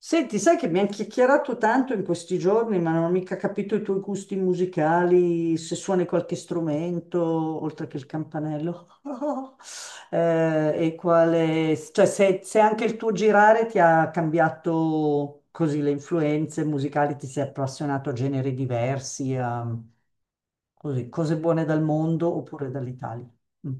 Senti, sai che mi hanno chiacchierato tanto in questi giorni, ma non ho mica capito i tuoi gusti musicali, se suoni qualche strumento, oltre che il campanello. E quale, cioè se anche il tuo girare ti ha cambiato così le influenze musicali, ti sei appassionato a generi diversi, a così, cose buone dal mondo oppure dall'Italia. Mm.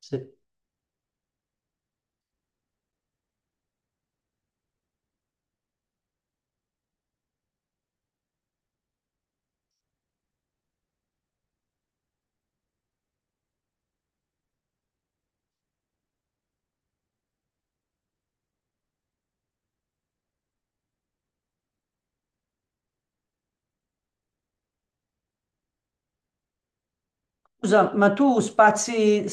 Sì. Scusa, ma tu spazi.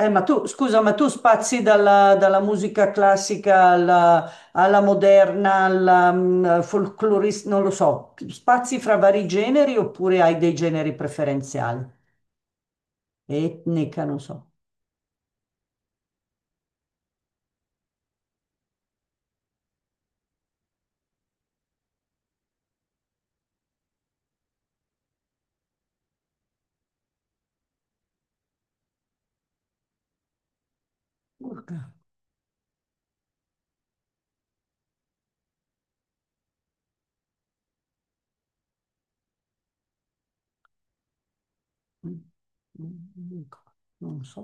Ma tu, scusa, ma tu spazi dalla musica classica alla moderna, alla folclorista, non lo so, spazi fra vari generi oppure hai dei generi preferenziali? Etnica, non so. Urca. Mm. Non so.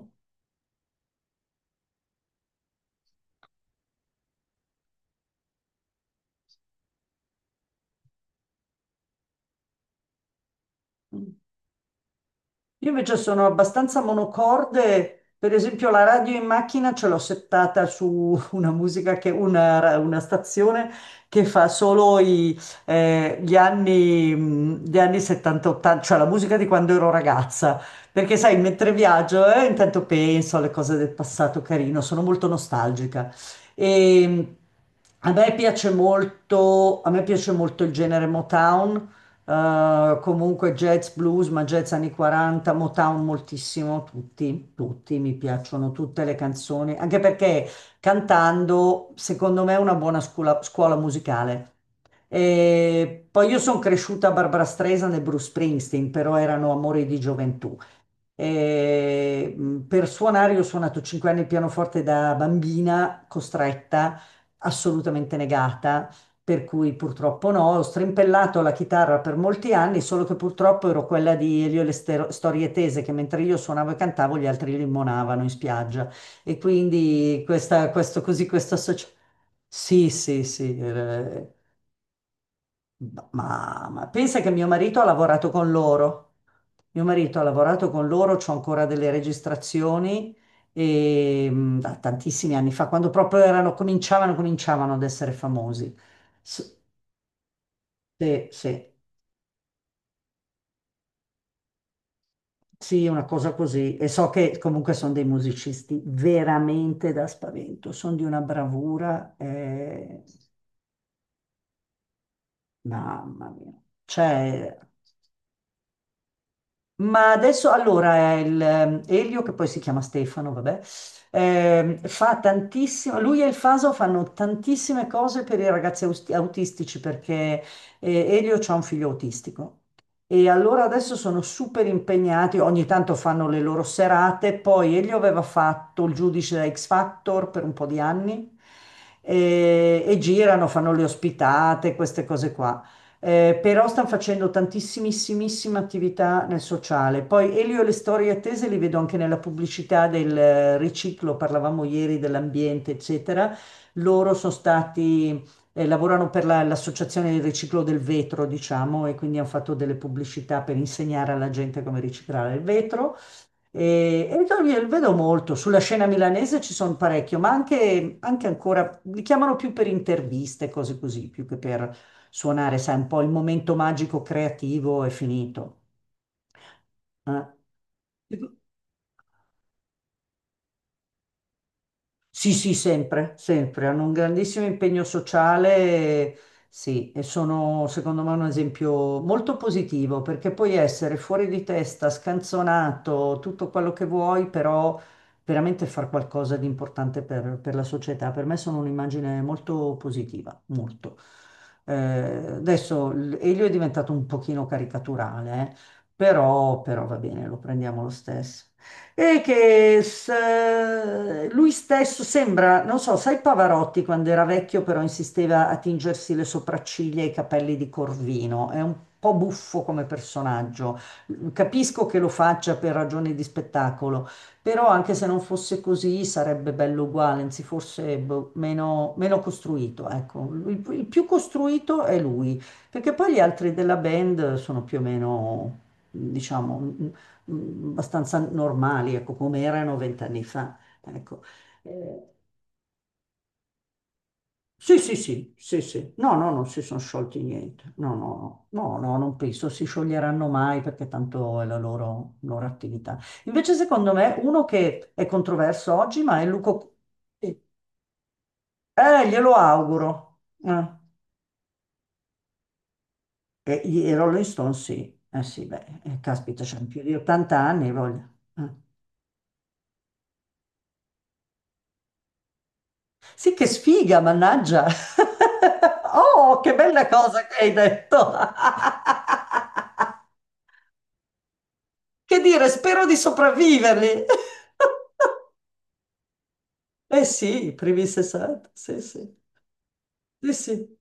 Io invece sono abbastanza monocorde, per esempio la radio in macchina ce l'ho settata su una musica che, una stazione che fa solo gli anni 70-80, cioè la musica di quando ero ragazza, perché sai, mentre viaggio, intanto penso alle cose del passato carino, sono molto nostalgica. E, a me piace molto, a me piace molto il genere Motown, comunque jazz, blues, ma jazz anni 40, Motown moltissimo, tutti, tutti, mi piacciono tutte le canzoni, anche perché cantando, secondo me, è una buona scuola, scuola musicale. E poi io sono cresciuta a Barbra Streisand e Bruce Springsteen, però erano amori di gioventù. Per suonare, io ho suonato 5 anni il pianoforte da bambina, costretta, assolutamente negata, per cui purtroppo no. Ho strimpellato la chitarra per molti anni, solo che purtroppo ero quella di Elio e le storie tese, che mentre io suonavo e cantavo, gli altri limonavano in spiaggia. E quindi questa associazione. Sì, sì, sì. Ma pensa che mio marito ha lavorato con loro. Mio marito ha lavorato con loro, c'ho ancora delle registrazioni e, da tantissimi anni fa, quando proprio erano, cominciavano ad essere famosi. S- sì, sì, sì, una cosa così. E so che comunque sono dei musicisti veramente da spavento, sono di una bravura, mamma mia. Cioè, ma adesso allora Elio, che poi si chiama Stefano, vabbè, fa tantissimo, lui e il Faso fanno tantissime cose per i ragazzi autistici, perché Elio ha un figlio autistico, e allora adesso sono super impegnati, ogni tanto fanno le loro serate, poi Elio aveva fatto il giudice da X Factor per un po' di anni e girano, fanno le ospitate, queste cose qua. Però stanno facendo tantissimissima attività nel sociale. Poi Elio e le storie attese li vedo anche nella pubblicità del riciclo, parlavamo ieri dell'ambiente, eccetera. Loro sono stati, lavorano per l'associazione del riciclo del vetro, diciamo, e quindi hanno fatto delle pubblicità per insegnare alla gente come riciclare il vetro. E io li vedo molto, sulla scena milanese ci sono parecchio, ma anche ancora, li chiamano più per interviste, cose così, più che per suonare, sai, un po' il momento magico creativo è finito. Eh. Sì, sì, sempre, sempre. Hanno un grandissimo impegno sociale, sì, e sono secondo me un esempio molto positivo, perché puoi essere fuori di testa, scanzonato, tutto quello che vuoi, però veramente far qualcosa di importante per la società. Per me sono un'immagine molto positiva, molto. Adesso Elio è diventato un pochino caricaturale. Però va bene, lo prendiamo lo stesso e che lui stesso sembra, non so, sai Pavarotti quando era vecchio però insisteva a tingersi le sopracciglia e i capelli di Corvino, è un po' buffo come personaggio. Capisco che lo faccia per ragioni di spettacolo, però anche se non fosse così sarebbe bello uguale, anzi forse boh, meno, meno costruito, ecco. Il più costruito è lui, perché poi gli altri della band sono più o meno, diciamo, abbastanza normali, ecco, come erano vent'anni fa. Ecco. Eh, sì, sì, sì, sì, sì. No, no, non si sono sciolti niente. No, no, no, no, no, non penso si scioglieranno mai perché tanto è la loro attività. Invece, secondo me, uno che è controverso oggi, ma è Luco... glielo auguro. E i Rolling Stones, sì. Eh sì, beh, caspita, c'hanno più di 80 anni, voglio. Eh. Sì, che sfiga, mannaggia. Oh, che bella cosa che hai detto. Che dire, spero di sopravviverli. Eh sì, i primi 60, sì, sì, sì, sì,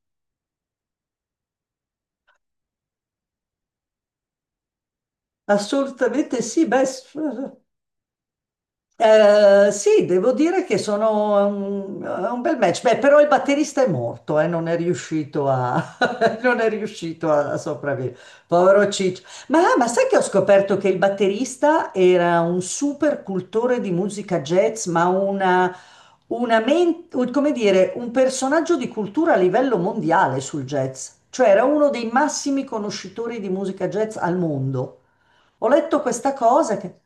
assolutamente sì. Beh, eh, sì, devo dire che sono un, è un bel match. Beh, però il batterista è morto, non è riuscito a, non è riuscito a sopravvivere. Povero Ciccio. Ma sai che ho scoperto che il batterista era un super cultore di musica jazz, ma come dire, un personaggio di cultura a livello mondiale sul jazz. Cioè era uno dei massimi conoscitori di musica jazz al mondo. Ho letto questa cosa che...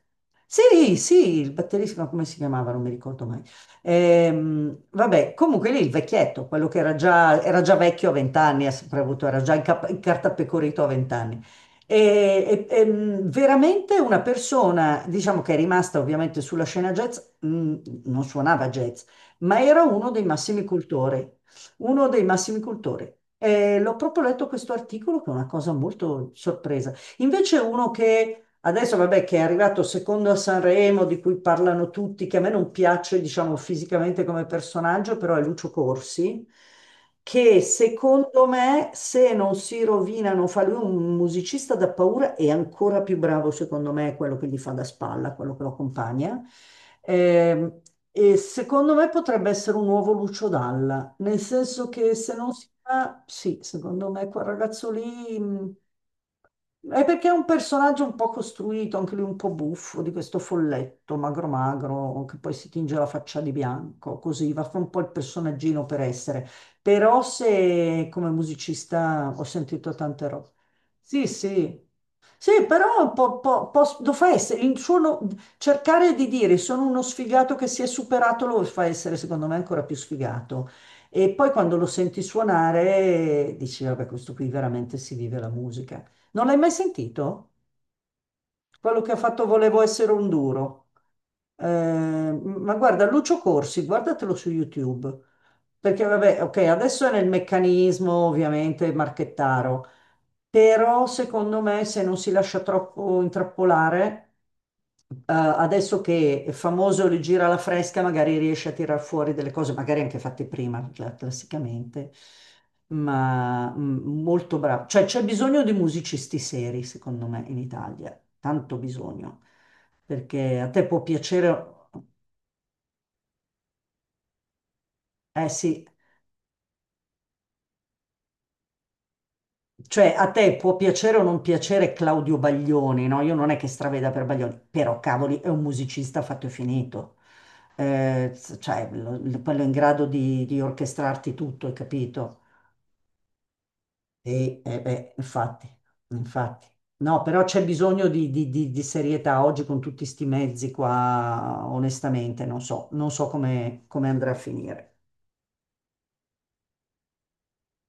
Sì, sì, il batterista, no, come si chiamava? Non mi ricordo mai. Vabbè, comunque lì il vecchietto, quello che era già vecchio a vent'anni, ha sempre avuto, era già incartapecorito a vent'anni. Veramente una persona, diciamo che è rimasta ovviamente sulla scena jazz, non suonava jazz, ma era uno dei massimi cultori, uno dei massimi cultori. E l'ho proprio letto questo articolo che è una cosa molto sorpresa. Invece uno che adesso, vabbè, che è arrivato secondo a Sanremo, di cui parlano tutti, che a me non piace, diciamo, fisicamente come personaggio, però è Lucio Corsi, che secondo me, se non si rovina, non fa lui un musicista da paura, è ancora più bravo, secondo me, quello che gli fa da spalla, quello che lo accompagna. Ehm, e secondo me potrebbe essere un nuovo Lucio Dalla, nel senso che se non si fa, sì, secondo me quel ragazzo lì... è perché è un personaggio un po' costruito, anche lui un po' buffo, di questo folletto magro magro che poi si tinge la faccia di bianco, così va fa un po' il personaggino per essere. Però se come musicista ho sentito tante robe. Sì, sì. Sì, però un po', lo fa essere, il suo no- cercare di dire sono uno sfigato che si è superato lo fa essere secondo me ancora più sfigato. E poi quando lo senti suonare dici, vabbè, questo qui veramente si vive la musica. Non l'hai mai sentito? Quello che ha fatto Volevo essere un duro. Ma guarda, Lucio Corsi, guardatelo su YouTube. Perché vabbè, ok, adesso è nel meccanismo ovviamente marchettaro, però secondo me se non si lascia troppo intrappolare, adesso che è famoso il giro alla fresca, magari riesce a tirar fuori delle cose, magari anche fatte prima, classicamente, ma molto bravo. Cioè, c'è bisogno di musicisti seri, secondo me, in Italia, tanto bisogno, perché a te può piacere, eh sì, cioè, a te può piacere o non piacere Claudio Baglioni, no? Io non è che straveda per Baglioni, però cavoli, è un musicista fatto e finito. Cioè, quello è in grado di orchestrarti tutto, hai capito? E, beh, infatti, infatti. No, però c'è bisogno di serietà oggi con tutti sti mezzi qua, onestamente, non so, non so come andrà a finire.